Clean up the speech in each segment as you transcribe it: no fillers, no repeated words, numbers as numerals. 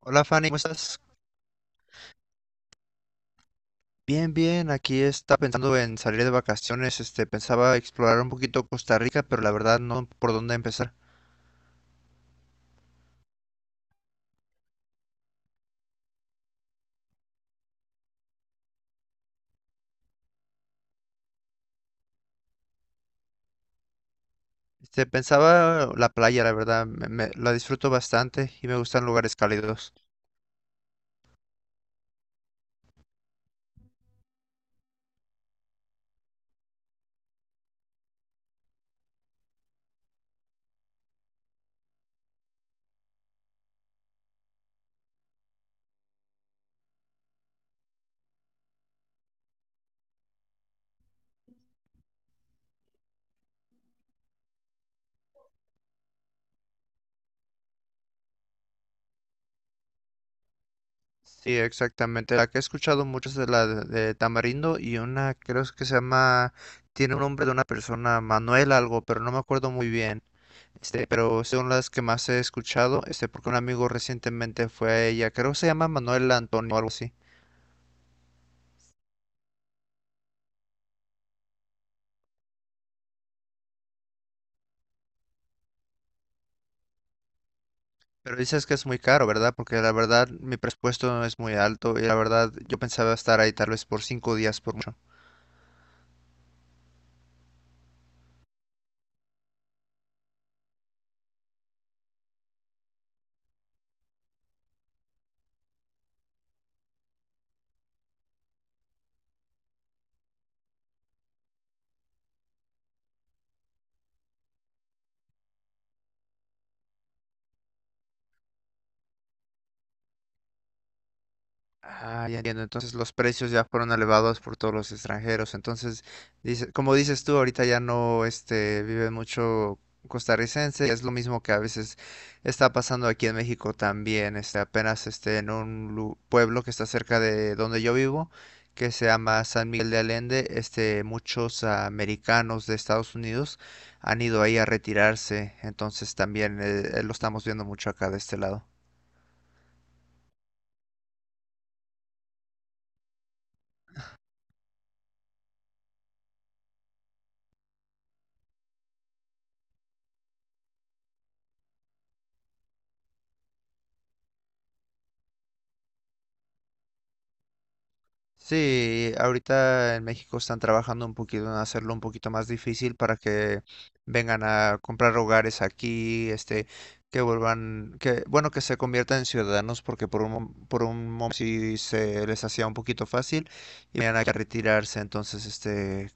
Hola Fanny, ¿cómo estás? Bien, bien, aquí está pensando en salir de vacaciones, pensaba explorar un poquito Costa Rica, pero la verdad no por dónde empezar. Pensaba la playa, la verdad, la disfruto bastante y me gustan lugares cálidos. Sí, exactamente. La que he escuchado mucho es de de Tamarindo y una creo que se llama, tiene un nombre de una persona, Manuel algo, pero no me acuerdo muy bien. Pero son las que más he escuchado, porque un amigo recientemente fue a ella, creo que se llama Manuel Antonio o algo así. Pero dices que es muy caro, ¿verdad? Porque la verdad mi presupuesto no es muy alto y la verdad yo pensaba estar ahí tal vez por 5 días por mucho. Ah, ya entiendo. Entonces los precios ya fueron elevados por todos los extranjeros. Entonces, dice, como dices tú, ahorita ya no, vive mucho costarricense. Es lo mismo que a veces está pasando aquí en México también. En un pueblo que está cerca de donde yo vivo, que se llama San Miguel de Allende, muchos americanos de Estados Unidos han ido ahí a retirarse. Entonces también lo estamos viendo mucho acá de este lado. Sí, ahorita en México están trabajando un poquito en hacerlo un poquito más difícil para que vengan a comprar hogares aquí, que vuelvan, que, bueno, que se conviertan en ciudadanos, porque por por un momento sí se les hacía un poquito fácil y venían aquí a retirarse, entonces,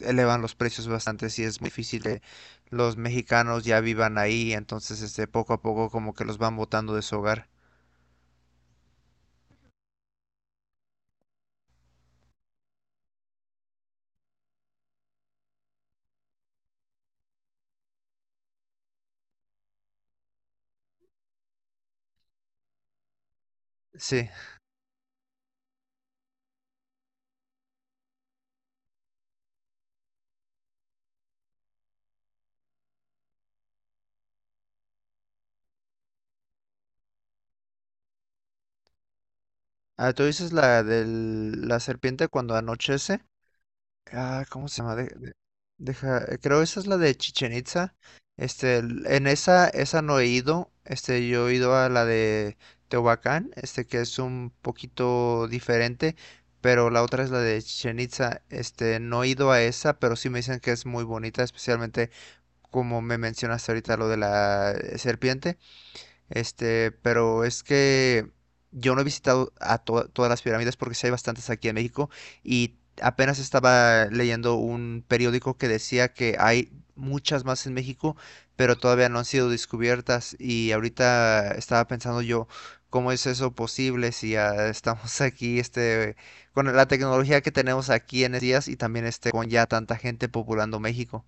elevan los precios bastante, sí es muy difícil que los mexicanos ya vivan ahí, entonces, poco a poco como que los van botando de su hogar. Sí. Ah, ¿tú dices la de la serpiente cuando anochece? Ah, ¿cómo se llama? Deja, creo esa es la de Chichen Itza. En esa, esa no he ido. Yo he ido a la de Teotihuacán, que es un poquito diferente, pero la otra es la de Chichen Itza. No he ido a esa, pero sí me dicen que es muy bonita, especialmente como me mencionaste ahorita lo de la serpiente. Pero es que yo no he visitado a todas las pirámides porque sí hay bastantes aquí en México y apenas estaba leyendo un periódico que decía que hay muchas más en México, pero todavía no han sido descubiertas y ahorita estaba pensando yo, ¿cómo es eso posible si ya estamos aquí, con la tecnología que tenemos aquí en estos días y también con ya tanta gente populando México?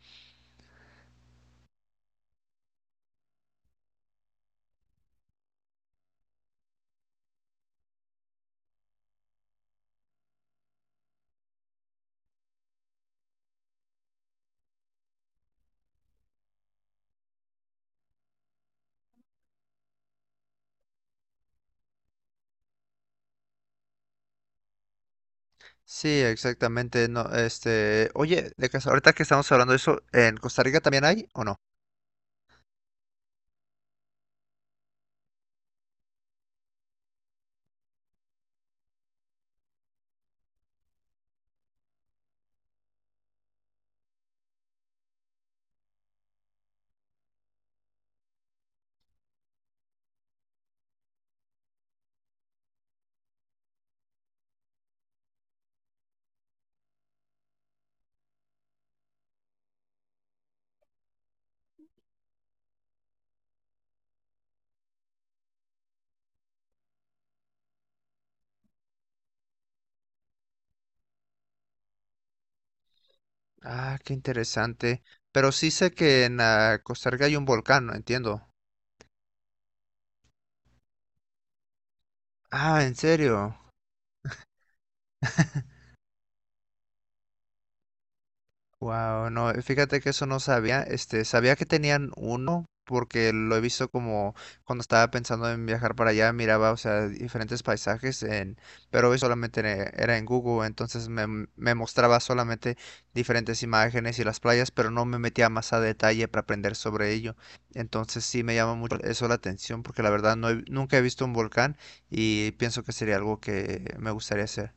Sí, exactamente. No, oye, de casa, ahorita que estamos hablando de eso, ¿en Costa Rica también hay o no? Ah, qué interesante. Pero sí sé que en Costa Rica hay un volcán, entiendo. Ah, ¿en serio? Wow, no, fíjate que eso no sabía, sabía que tenían uno porque lo he visto como cuando estaba pensando en viajar para allá, miraba, o sea, diferentes paisajes en, pero hoy solamente era en Google, entonces me mostraba solamente diferentes imágenes y las playas, pero no me metía más a detalle para aprender sobre ello. Entonces sí me llama mucho eso la atención porque la verdad nunca he visto un volcán y pienso que sería algo que me gustaría hacer.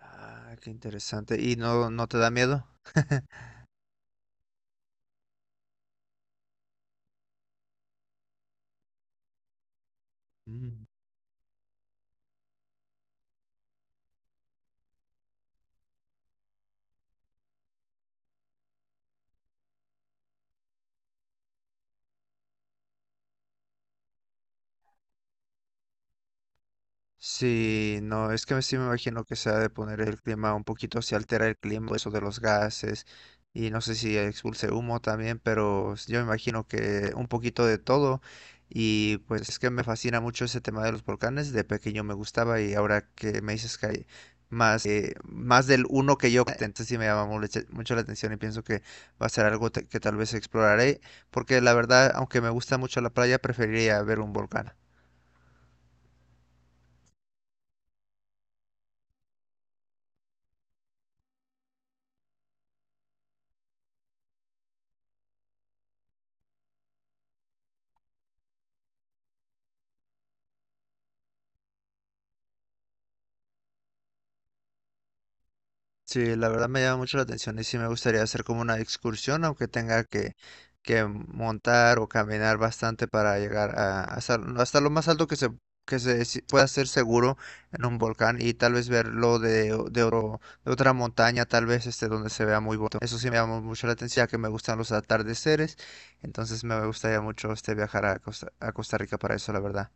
Ah, qué interesante. ¿Y no te da miedo? Mm. Sí, no, es que sí me imagino que se ha de poner el clima un poquito, se altera el clima, eso de los gases, y no sé si expulse humo también, pero yo me imagino que un poquito de todo, y pues es que me fascina mucho ese tema de los volcanes, de pequeño me gustaba, y ahora que me dices que hay más, más del uno que yo, entonces sí me llama mucho mucho la atención y pienso que va a ser que tal vez exploraré, porque la verdad, aunque me gusta mucho la playa, preferiría ver un volcán. Sí, la verdad me llama mucho la atención y sí me gustaría hacer como una excursión, aunque que montar o caminar bastante para llegar a, hasta lo más alto que se pueda hacer seguro en un volcán y tal vez verlo de, o- de, oro- de otra montaña, tal vez este donde se vea muy bonito. Eso sí me llama mucho la atención, ya que me gustan los atardeceres, entonces me gustaría mucho este viajar a a Costa Rica para eso, la verdad.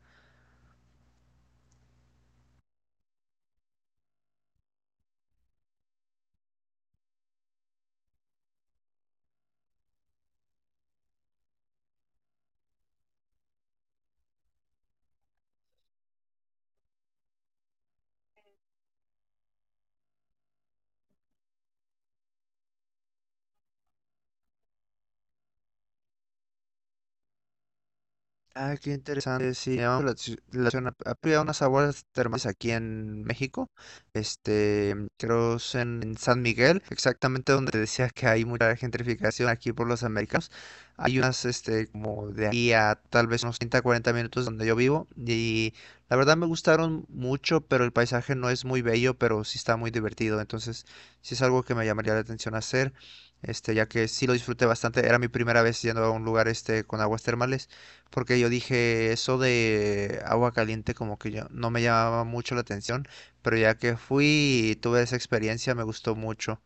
Ah, qué interesante. Sí, llamamos la atención. Ha habido unas aguas termales aquí en México. Creo es en San Miguel, exactamente donde te decía que hay mucha gentrificación aquí por los americanos. Hay unas, como de aquí a tal vez unos 30, 40 minutos donde yo vivo. Y la verdad me gustaron mucho, pero el paisaje no es muy bello, pero sí está muy divertido. Entonces, sí es algo que me llamaría la atención hacer. Ya que sí lo disfruté bastante. Era mi primera vez yendo a un lugar este con aguas termales porque yo dije eso de agua caliente como que yo no me llamaba mucho la atención, pero ya que fui y tuve esa experiencia me gustó mucho.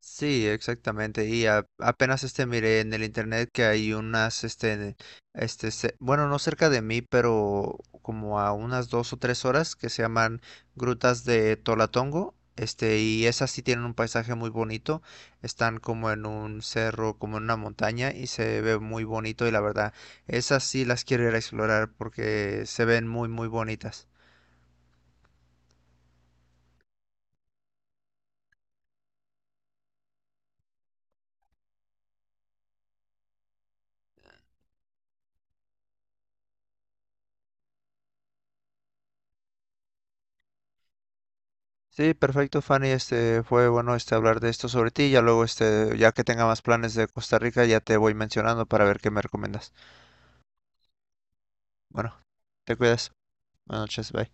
Sí, exactamente. Y apenas este miré en el internet que hay unas, bueno, no cerca de mí, pero como a unas 2 o 3 horas que se llaman Grutas de Tolatongo. Y esas sí tienen un paisaje muy bonito. Están como en un cerro, como en una montaña y se ve muy bonito. Y la verdad, esas sí las quiero ir a explorar porque se ven muy, muy bonitas. Sí, perfecto, Fanny. Este fue bueno este hablar de esto sobre ti. Ya luego ya que tenga más planes de Costa Rica, ya te voy mencionando para ver qué me recomiendas. Bueno, te cuidas. Buenas noches, bye.